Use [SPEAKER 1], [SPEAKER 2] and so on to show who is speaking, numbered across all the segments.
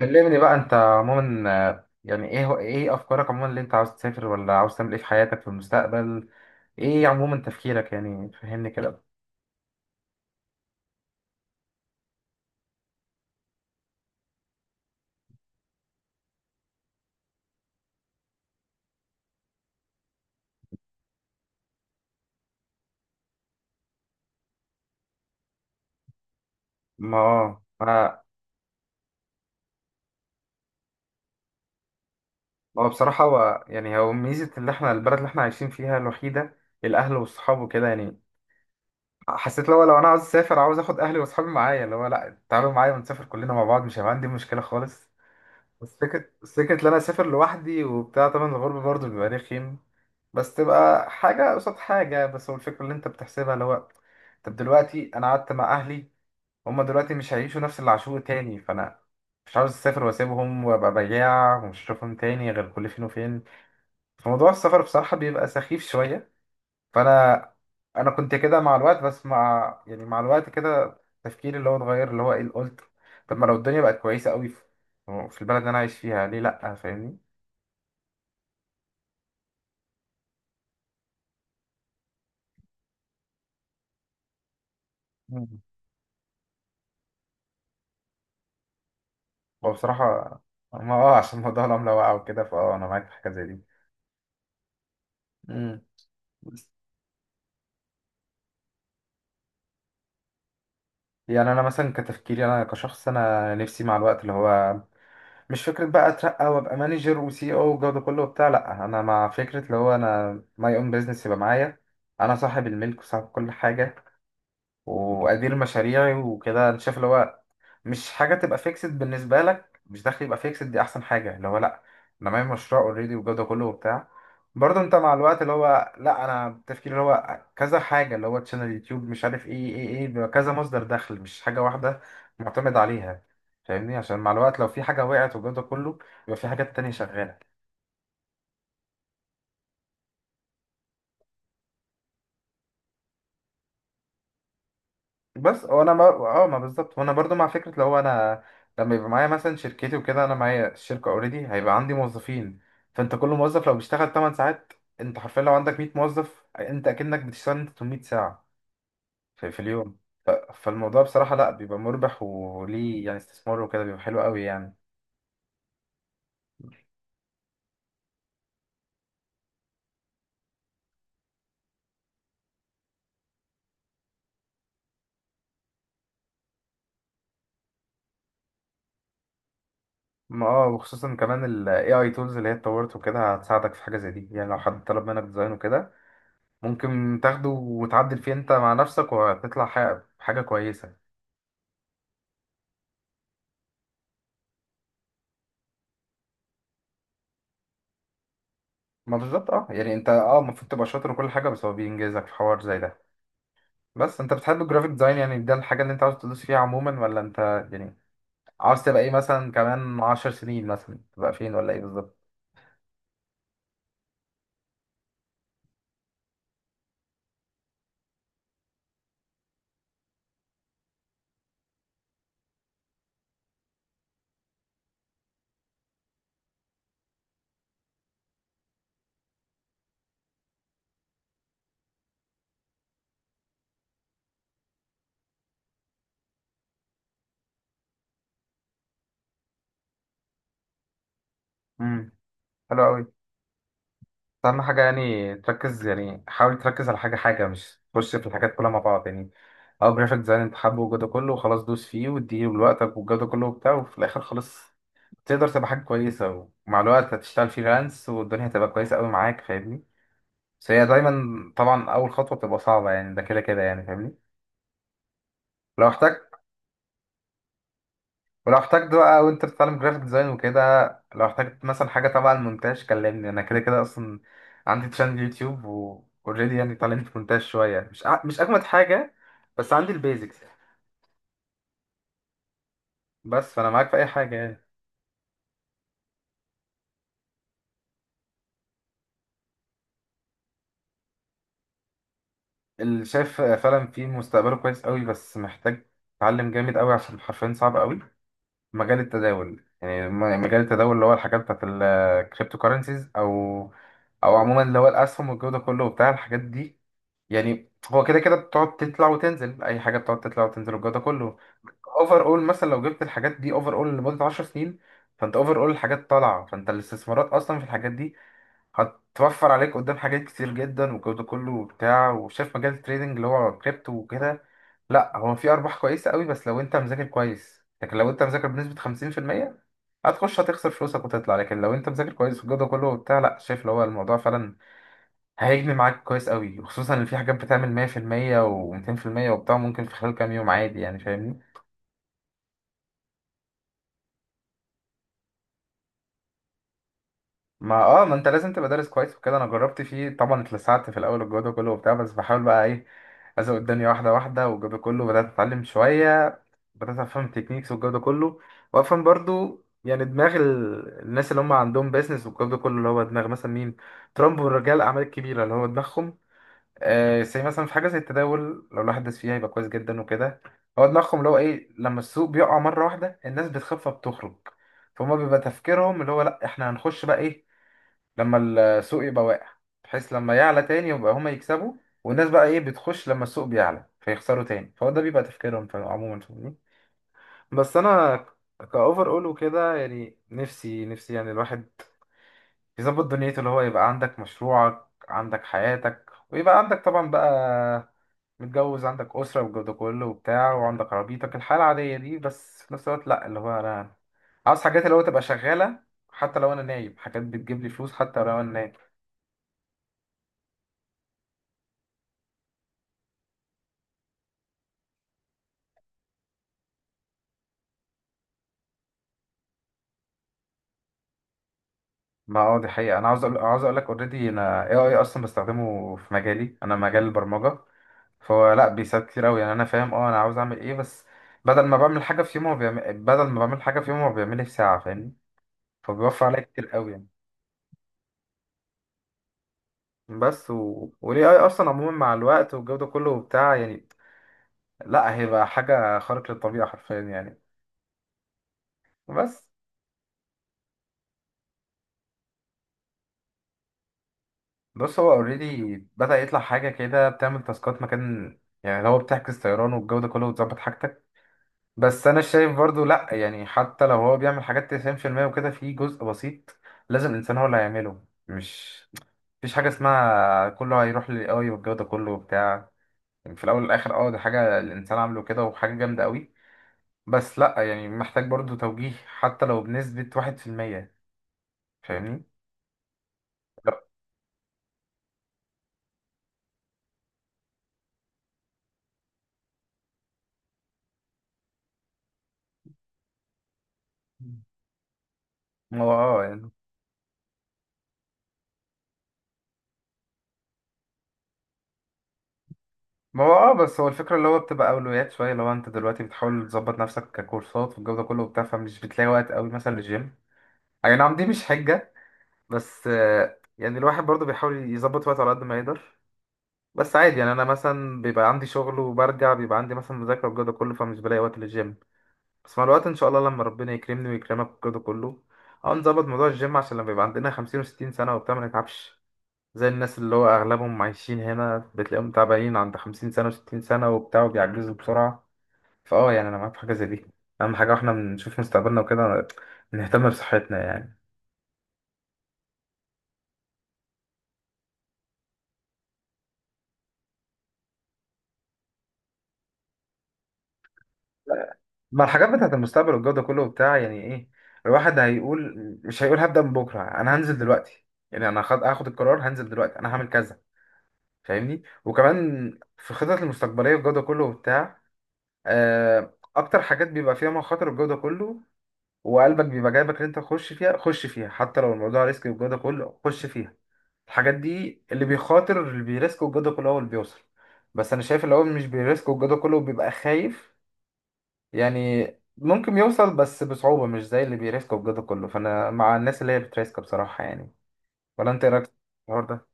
[SPEAKER 1] كلمني بقى انت عموما، يعني ايه افكارك عموما، اللي انت عاوز تسافر ولا عاوز تعمل ايه في حياتك في المستقبل؟ ايه عموما تفكيرك؟ يعني فهمني كده. ما هو ما هو بصراحة، هو ميزة اللي احنا البلد اللي احنا عايشين فيها الوحيدة، الاهل والصحاب وكده يعني. حسيت لو انا عاوز اسافر، عاوز اخد اهلي واصحابي معايا، اللي هو لا تعالوا معايا ونسافر كلنا مع بعض، مش هيبقى عندي مشكلة خالص. بس فكرة إن أنا أسافر لوحدي وبتاع، طبعا الغربة برضه بيبقى رخيم. بس تبقى حاجة قصاد حاجة، بس هو الفكرة اللي أنت بتحسبها اللي هو، طب دلوقتي أنا قعدت مع أهلي، هما دلوقتي مش هيعيشوا نفس اللي عاشوه تاني، فأنا مش عاوز أسافر وأسيبهم وأبقى بياع ومش هشوفهم تاني غير كل فين وفين. فموضوع السفر بصراحة بيبقى سخيف شوية. فانا انا كنت كده مع الوقت، بس مع يعني مع الوقت كده تفكيري اللي هو اتغير، اللي هو ايه اللي قلت، طب ما لو الدنيا بقت كويسه قوي في البلد اللي انا عايش فيها، ليه لا؟ فاهمني. مم. هو بصراحه، ما اه عشان موضوع العمله وقع وكده، فاه انا معاك في حاجه زي دي. امم. بس يعني انا مثلا كتفكيري، انا كشخص، انا نفسي مع الوقت اللي هو، مش فكره بقى اترقى وابقى مانجر وسي او والجو ده كله وبتاع، لا انا مع فكره اللي هو انا ماي اون بزنس يبقى معايا، انا صاحب الملك وصاحب كل حاجه، وادير مشاريعي وكده. انا شايف اللي هو مش حاجه تبقى فيكسد بالنسبه لك، مش دخل يبقى فيكسد دي احسن حاجه، اللي هو لا انا معايا مشروع اوريدي والجو ده كله وبتاع. برضه انت مع الوقت اللي هو لا، انا تفكيري اللي هو كذا حاجه، اللي هو تشانل يوتيوب، مش عارف ايه بيبقى كذا مصدر دخل، مش حاجه واحده معتمد عليها. فاهمني؟ عشان مع الوقت لو في حاجه وقعت والجو ده كله، يبقى في حاجات تانية شغاله. بس هو انا ما اه ما بالظبط، وانا برضو مع فكره لو انا لما يبقى معايا مثلا شركتي وكده، انا معايا الشركه اوريدي، هيبقى عندي موظفين. فانت كل موظف لو بيشتغل 8 ساعات، انت حرفيا لو عندك 100 موظف، انت اكنك بتشتغل انت 800 ساعه في اليوم. فالموضوع بصراحه لا بيبقى مربح، وليه يعني استثمار وكده بيبقى حلو قوي يعني. ما اه وخصوصا كمان ال AI tools اللي هي اتطورت وكده، هتساعدك في حاجه زي دي يعني. لو حد طلب منك ديزاين وكده، ممكن تاخده وتعدل فيه انت مع نفسك وهتطلع حاجة كويسه. ما بالظبط اه يعني انت المفروض تبقى شاطر وكل حاجه، بس هو بينجزك في حوار زي ده. بس انت بتحب الجرافيك ديزاين؟ يعني ده الحاجه اللي انت عاوز تدوس فيها عموما؟ ولا انت يعني عاوز تبقى ايه مثلا كمان عشر سنين، مثلا تبقى فين ولا ايه بالظبط؟ امم، حلو قوي. اهم حاجه يعني تركز، يعني حاول تركز على حاجه حاجه، مش تخش في الحاجات كلها مع بعض يعني. اه جرافيك ديزاين انت حابه وجوده كله، وخلاص دوس فيه واديه لوقتك والجوده كله وبتاع، وفي الاخر خلاص تقدر تبقى حاجه كويسه، ومع الوقت هتشتغل فريلانس والدنيا هتبقى كويسه قوي معاك. فاهمني؟ بس هي دايما طبعا اول خطوه بتبقى صعبه يعني، ده كده كده يعني. فاهمني؟ لو احتجت، ولو احتجت بقى وانت بتتعلم جرافيك ديزاين وكده، لو احتجت مثلا حاجه تبع المونتاج كلمني. انا كده كده اصلا عندي تشانل يوتيوب واوريدي، يعني اتعلمت مونتاج شويه، مش مش اجمد حاجه، بس عندي البيزكس. بس فانا معاك في اي حاجه يعني. اللي شايف فعلا في مستقبله كويس قوي، بس محتاج اتعلم جامد قوي عشان حرفيا صعب قوي، مجال التداول يعني، مجال التداول اللي هو الحاجات بتاعت الكريبتو كارنسيز، او او عموما اللي هو الاسهم والجو ده كله وبتاع الحاجات دي. يعني هو كده كده بتقعد تطلع وتنزل، اي حاجه بتقعد تطلع وتنزل والجو ده كله. اوفر اول مثلا لو جبت الحاجات دي اوفر اول لمده 10 سنين، فانت اوفر اول الحاجات طالعه، فانت الاستثمارات اصلا في الحاجات دي هتوفر عليك قدام حاجات كتير جدا والجو ده كله وبتاع. وشايف مجال التريدنج اللي هو كريبتو وكده، لا هو في ارباح كويسه قوي، بس لو انت مذاكر كويس. لكن لو انت مذاكر بنسبه 50%، هتخسر فلوسك وتطلع. لكن لو انت مذاكر كويس والجو ده كله وبتاع، لا شايف اللي هو الموضوع فعلا هيجني معاك كويس قوي، وخصوصا ان في حاجات بتعمل 100% و200% وبتاع، ممكن في خلال كام يوم عادي يعني. فاهمني؟ ما اه ما انت لازم تبقى دارس كويس وكده. انا جربت فيه طبعا، اتلسعت في الاول والجو ده كله وبتاع، بس بحاول بقى ايه، ازق الدنيا واحده واحده والجو ده كله، بدات اتعلم شويه. بدأت أفهم تكنيكس والجو ده كله، وأفهم برضو يعني دماغ الناس اللي هم عندهم بيزنس والجو ده كله، اللي هو دماغ مثلا مين، ترامب ورجال الأعمال الكبيرة اللي هو دماغهم. آه زي مثلا في حاجة زي التداول، لو الواحد داس فيها يبقى كويس جدا وكده. هو دماغهم اللي هو إيه، لما السوق بيقع مرة واحدة الناس بتخاف فبتخرج، فهم بيبقى تفكيرهم اللي هو لأ إحنا هنخش بقى إيه، لما السوق يبقى واقع، بحيث لما يعلى تاني يبقى هما يكسبوا. والناس بقى إيه بتخش لما السوق بيعلى فيخسروا تاني، فهو ده بيبقى تفكيرهم عموما. بس انا كاوفر اول وكده يعني نفسي، نفسي يعني الواحد يظبط دنيته، اللي هو يبقى عندك مشروعك، عندك حياتك، ويبقى عندك طبعا بقى متجوز، عندك اسره والجو ده كله وبتاع، وعندك عربيتك، الحياه العاديه دي، بس في نفس الوقت لا اللي هو، انا عاوز حاجات اللي هو تبقى شغاله حتى لو انا نايم، حاجات بتجيب لي فلوس حتى لو انا نايم. ما هو دي حقيقه. انا عاوز أقول، عاوز اقول لك، اوريدي انا اي اي اصلا بستخدمه في مجالي، انا مجال البرمجه، فهو لا بيساعد كتير قوي يعني. انا فاهم اه انا عاوز اعمل ايه، بس بدل ما بعمل حاجه في يوم هو بيعملها في ساعه. فاهمني؟ فبيوفر عليا كتير قوي يعني. والاي اي اصلا عموما مع الوقت والجو ده كله وبتاع يعني، لا هيبقى حاجه خارق للطبيعه حرفيا يعني. بس بص هو اوريدي بدأ يطلع حاجه كده بتعمل تاسكات مكان، يعني اللي هو بتعكس طيران والجو ده كله وتظبط حاجتك. بس انا شايف برضو لا يعني، حتى لو هو بيعمل حاجات 90% وكده، في جزء بسيط لازم الانسان هو اللي هيعمله. مش مفيش حاجة اسمها كله هيروح للي قوي والجو ده كله وبتاع يعني. في الأول والآخر اه دي حاجة الإنسان عامله كده، وحاجة جامدة قوي، بس لأ يعني محتاج برضو توجيه حتى لو بنسبة واحد في المية. فاهمني؟ لأ، ما هو اه يعني ما هو اه بس هو الفكرة اللي هو بتبقى أولويات شوية. لو أنت دلوقتي بتحاول تظبط نفسك ككورسات والجو ده كله وبتاع، فمش بتلاقي وقت قوي مثلا للجيم. أي نعم دي مش حجة، بس آه، يعني الواحد برضو بيحاول يظبط وقته على قد ما يقدر. بس عادي يعني انا مثلا بيبقى عندي شغل، وبرجع بيبقى عندي مثلا مذاكره والجو ده كله، فمش بلاقي وقت للجيم. بس مع الوقت ان شاء الله لما ربنا يكرمني ويكرمك والجو ده كله، اه نظبط موضوع الجيم، عشان لما يبقى عندنا 50 و60 سنه وبتاع ما نتعبش، زي الناس اللي هو اغلبهم عايشين هنا بتلاقيهم تعبانين عند 50 سنه و60 سنه وبتاع وبيعجزوا بسرعه. فاه يعني انا معاك في حاجه زي دي، اهم حاجه واحنا بنشوف مستقبلنا وكده نهتم بصحتنا يعني. ما الحاجات بتاعت المستقبل والجو ده كله وبتاع يعني ايه، الواحد هيقول مش هيقول هبدأ من بكرة، انا هنزل دلوقتي، يعني انا هاخد القرار، هنزل دلوقتي، انا هعمل كذا. فاهمني؟ وكمان في الخطط المستقبلية والجو ده كله وبتاع، آه، اكتر حاجات بيبقى فيها مخاطر والجو ده كله وقلبك بيبقى جايبك ان انت تخش فيها، خش فيها حتى لو الموضوع ريسك والجو ده كله، خش فيها. الحاجات دي اللي بيخاطر اللي بيريسك والجو ده كله هو اللي بيوصل. بس انا شايف اللي هو مش بيريسك والجو ده كله بيبقى خايف يعني، ممكن يوصل بس بصعوبة، مش زي اللي بيريسكوا بجد كله. فأنا مع الناس اللي هي بتريسك بصراحة يعني. ولا أنت إيه رأيك في الحوار ده؟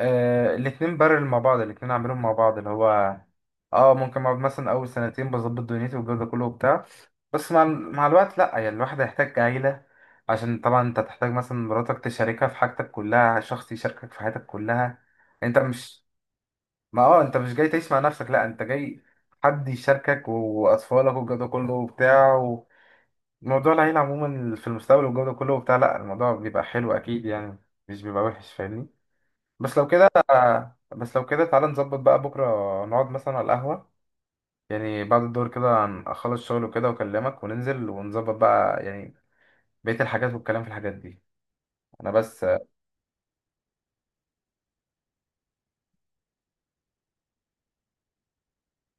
[SPEAKER 1] آه الاتنين بارل مع بعض، الاتنين عاملين مع بعض اللي هو، اه ممكن اقعد مثلا أول سنتين بظبط دنيتي والجو ده كله وبتاع، بس مع الوقت لأ، يعني الواحد هيحتاج عيلة، عشان طبعا أنت تحتاج مثلا مراتك تشاركها في حاجتك كلها، شخص يشاركك في حياتك كلها. أنت مش، ما اه أنت مش جاي تعيش مع نفسك، لأ أنت جاي حد يشاركك، واطفالك والجو ده كله وبتاع. موضوع العيلة عموما في المستقبل والجو ده كله وبتاع، لا الموضوع بيبقى حلو أكيد يعني، مش بيبقى وحش. فاهمني؟ بس لو كده، بس لو كده تعالى نظبط بقى بكرة، نقعد مثلا على القهوة. يعني بعد الدور كده أخلص شغل وكده وأكلمك، وننزل ونظبط بقى يعني بقية الحاجات، والكلام في الحاجات دي. أنا بس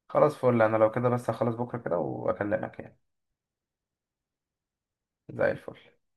[SPEAKER 1] خلاص، فل. أنا لو كده بس هخلص بكرة كده وأكلمك يعني. زي الفل.